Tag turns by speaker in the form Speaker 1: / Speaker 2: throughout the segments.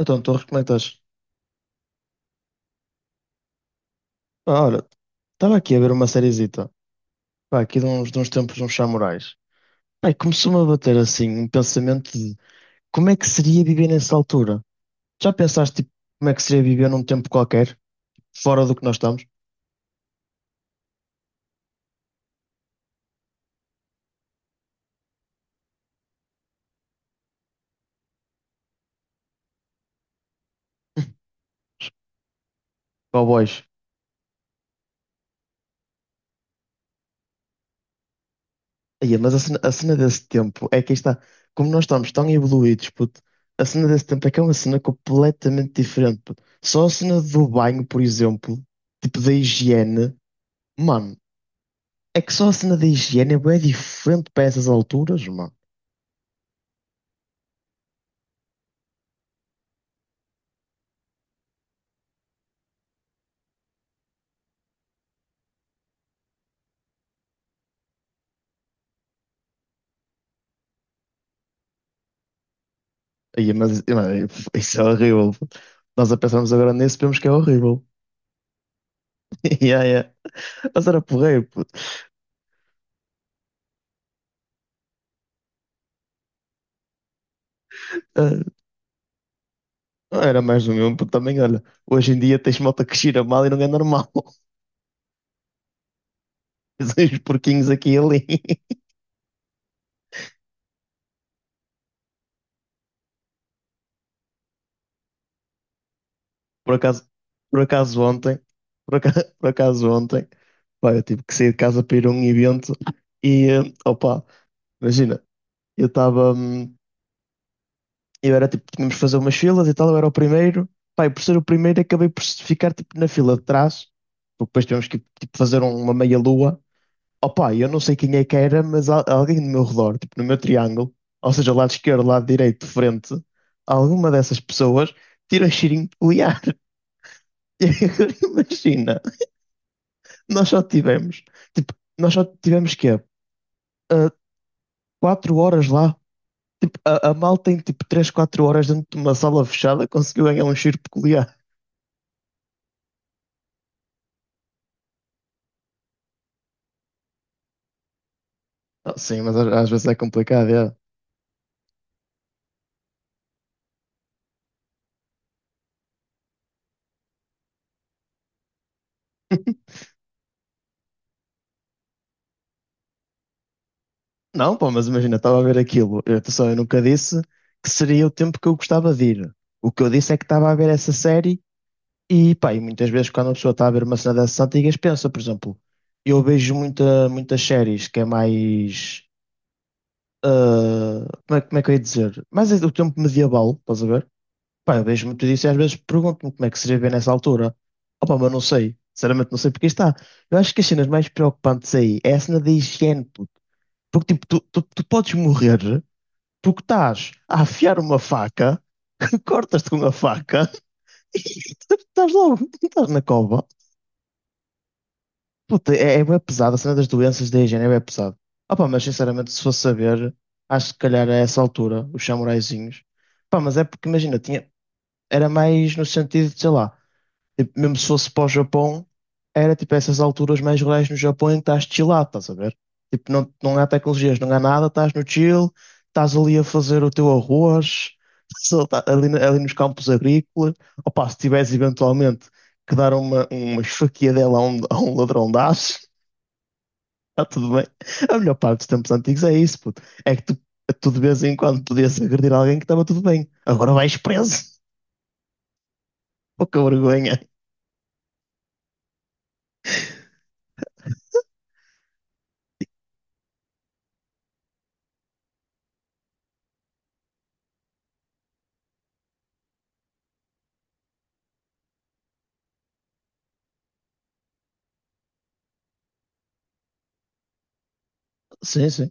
Speaker 1: Então, tu recomendas. Ah, olha, estava aqui a ver uma seriezita. Pá, aqui de uns tempos, uns samurais. Pá, e começou-me a bater assim um pensamento de como é que seria viver nessa altura? Já pensaste, tipo, como é que seria viver num tempo qualquer, fora do que nós estamos? Cowboys. Aí, mas a cena desse tempo é que aí está. Como nós estamos tão evoluídos, puto, a cena desse tempo é que é uma cena completamente diferente, puto. Só a cena do banho, por exemplo, tipo da higiene, mano. É que só a cena da higiene é bué diferente para essas alturas, mano. Aí, mas, mano, isso é horrível, puto. Nós a pensarmos agora nisso, vemos que é horrível. Yeah, yeah. Mas era porreiro, puto. Ah, era mais do mesmo, puto. Também, olha, hoje em dia tens malta que cheira mal e não é normal. Tens uns porquinhos aqui e ali. Por acaso, por acaso, ontem, por acaso, por acaso ontem, pá, eu tive que sair de casa para ir a um evento e, opa, imagina, eu estava. Eu era tipo, tínhamos de fazer umas filas e tal, eu era o primeiro. Pá, e por ser o primeiro, acabei por ficar tipo na fila de trás, porque depois tivemos que tipo, fazer uma meia-lua. Opa, eu não sei quem é que era, mas alguém do meu redor, tipo no meu triângulo, ou seja, lado esquerdo, lado direito, frente, alguma dessas pessoas tira cheirinho peculiar. E agora imagina, nós só tivemos, tipo, nós só tivemos quê? Ah, 4 horas lá. Tipo, a malta em tipo 3 4 horas dentro de uma sala fechada conseguiu ganhar um cheiro peculiar. Ah, sim, mas às vezes é complicado. É. Não, pô, mas imagina, estava a ver aquilo. Eu, atenção, eu nunca disse que seria o tempo que eu gostava de ir. O que eu disse é que estava a ver essa série e, pá, e muitas vezes quando uma pessoa está a ver uma cena dessas antigas, pensa, por exemplo, eu vejo muitas séries que é mais. Como é que eu ia dizer? Mais o tempo medieval, estás a ver? Pá, eu vejo muito disso e às vezes pergunto-me como é que seria ver nessa altura. Opa, mas não sei. Sinceramente, não sei porque está. Eu acho que as cenas mais preocupantes aí é a cena da higiene. Porque tipo, tu podes morrer porque estás a afiar uma faca, cortas-te com a faca e estás logo, estás na cova. Puta, é bem pesado, a cena das doenças da higiene é bem pesado. Opa, mas sinceramente, se fosse saber, acho que se calhar a essa altura, os samuraizinhos. Pá, mas é porque imagina, era mais no sentido de, sei lá, tipo, mesmo se fosse para o Japão, era tipo essas alturas mais rurais no Japão em que estás chillado, estás a ver? Tipo, não, não há tecnologias, não há nada, estás no chill, estás ali a fazer o teu arroz, só ali nos campos agrícolas. Opa, se tiveres eventualmente que dar uma esfaquiadela a um ladrão de aço, está tudo bem. A melhor parte dos tempos antigos é isso, puto. É que tu, tu de vez em quando podias agredir alguém que estava tudo bem. Agora vais preso. Pouca vergonha. Sim, sim.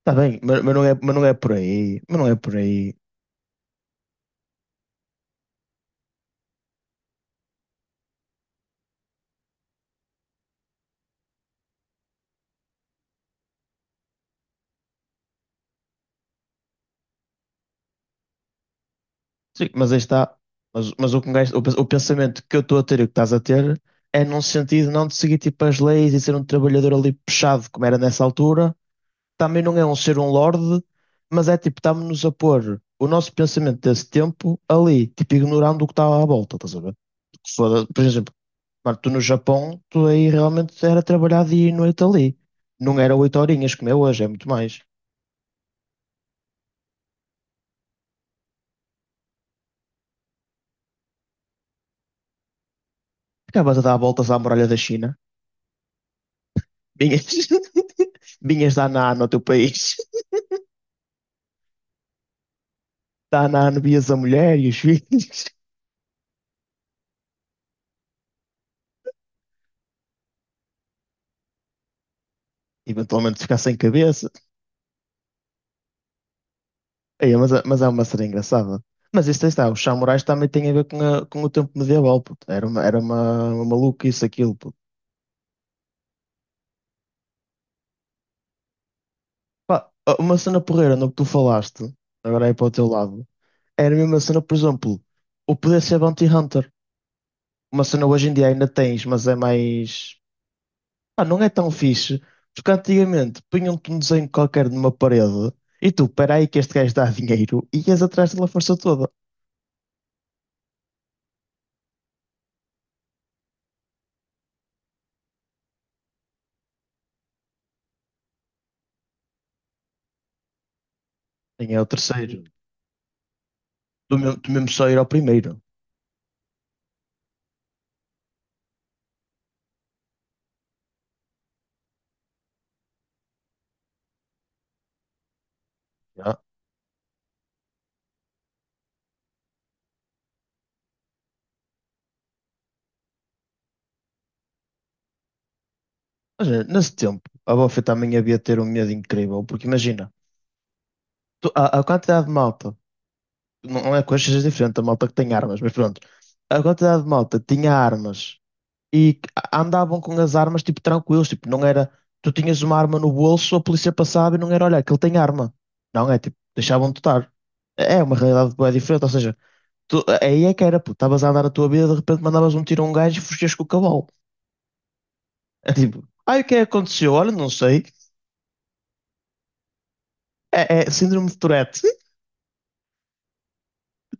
Speaker 1: Está bem, mas não é por aí. Mas não é por aí. Sim, mas aí está. Mas o, que um gajo- o, pens- o pensamento que eu estou a ter e o que estás a ter é num sentido não de seguir tipo as leis e ser um trabalhador ali puxado, como era nessa altura. Também não é um ser um lorde, mas é tipo, estamos-nos a pôr o nosso pensamento desse tempo ali, tipo, ignorando o que estava à volta, estás a ver? Por exemplo, mano, tu no Japão, tu aí realmente era trabalhar dia e noite ali. Não era 8 horinhas como é hoje, é muito mais. Acabas a dar voltas à muralha da China. Vinhas, vinhas dar na no teu país. Dá na ano, vias a mulher e os filhos. Eventualmente ficar sem cabeça. Ei, mas, mas é uma cena engraçada. Mas isso aí está, os samurais também têm a ver com, com o tempo medieval, puto. Era uma maluquice aquilo, puto. Pá, uma cena porreira no que tu falaste, agora aí para o teu lado, era a mesma cena, por exemplo, o poder ser bounty hunter. Uma cena hoje em dia ainda tens, mas é mais, ah, não é tão fixe, porque antigamente punham-te um desenho qualquer numa parede e tu, peraí que este gajo dá dinheiro e ias atrás dele a força toda. Nem é o terceiro. Hum. Tu mesmo só ir ao primeiro. Já. Mas nesse tempo, a Buffy também havia de ter um medo incrível, porque imagina, a quantidade de malta, não não é coisas diferentes, a malta que tem armas, mas pronto, a quantidade de malta que tinha armas e andavam com as armas tipo tranquilos, tipo, não era, tu tinhas uma arma no bolso, a polícia passava e não era, olha, que ele tem arma. Não, é tipo, deixavam-te estar. É uma realidade bué diferente, ou seja, tu, aí é que era, pô, estavas a andar a tua vida, de repente mandavas um tiro a um gajo e fugias com o cavalo. É tipo, ai, o que é que aconteceu? Olha, não sei. É, é síndrome de Tourette.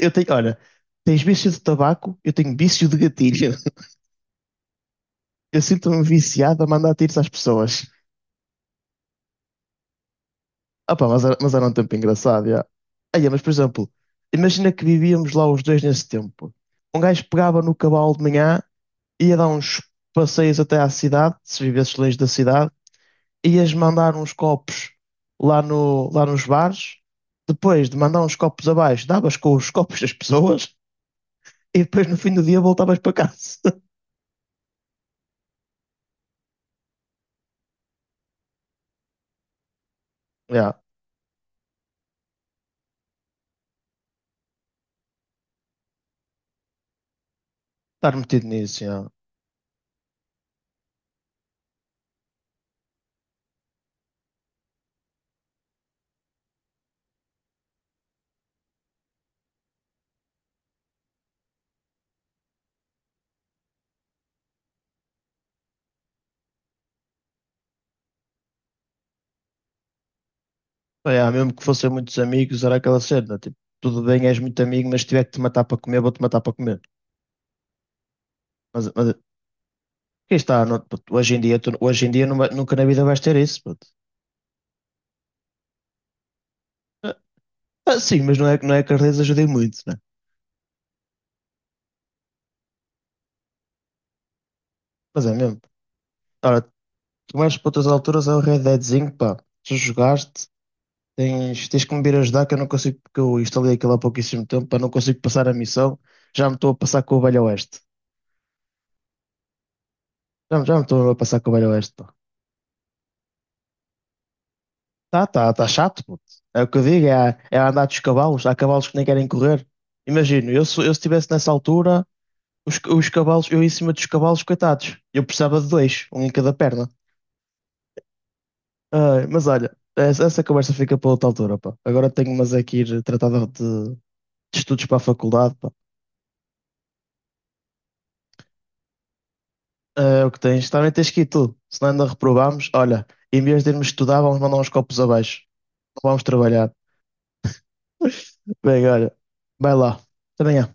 Speaker 1: Eu tenho, olha, tens vício de tabaco, eu tenho vício de gatilho. Eu sinto-me viciado a mandar tiros às pessoas. Ah pá, mas era um tempo engraçado, já. Aí, mas por exemplo, imagina que vivíamos lá os dois nesse tempo. Um gajo pegava no cavalo de manhã, ia dar uns passeios até à cidade, se vivesses longe da cidade, ias mandar uns copos lá, no, lá nos bares. Depois de mandar uns copos abaixo, davas com os copos das pessoas e depois no fim do dia voltavas para casa. Yeah, estar metido nisso, yeah. Pá, yeah, mesmo que fossem muitos amigos, era aquela cena, tipo, tudo bem, és muito amigo, mas se tiver que te matar para comer, vou-te matar para comer. Mas quem está puto, hoje em dia nunca na vida vais ter isso, puto. Ah, ah, sim, mas não é que as redes ajudem muito, né? Mas é mesmo. Ora, tu mais para outras alturas é o Red Deadzinho, pá. Tu jogaste, tens que me vir ajudar, que eu não consigo, porque eu instalei aquilo há pouquíssimo tempo, pá, não consigo passar a missão. Já me estou a passar com o Velho Oeste. Já me estou a passar com o Velho Oeste, pá. Tá chato, puto. É o que eu digo, é a andar dos cavalos. Há cavalos que nem querem correr. Imagino, eu, se eu estivesse nessa altura. Os cavalos, eu em cima dos cavalos, coitados. Eu precisava de dois, um em cada perna. Ai, mas olha, essa conversa fica para outra altura, pá. Agora tenho mas é que ir tratar de estudos para a faculdade, pá. Ah, é o que tens. Também tens que ir tu. Se não ainda reprovámos, olha, em vez de irmos estudar, vamos mandar uns copos abaixo. Não vamos trabalhar. Bem, olha, vai lá. Até amanhã.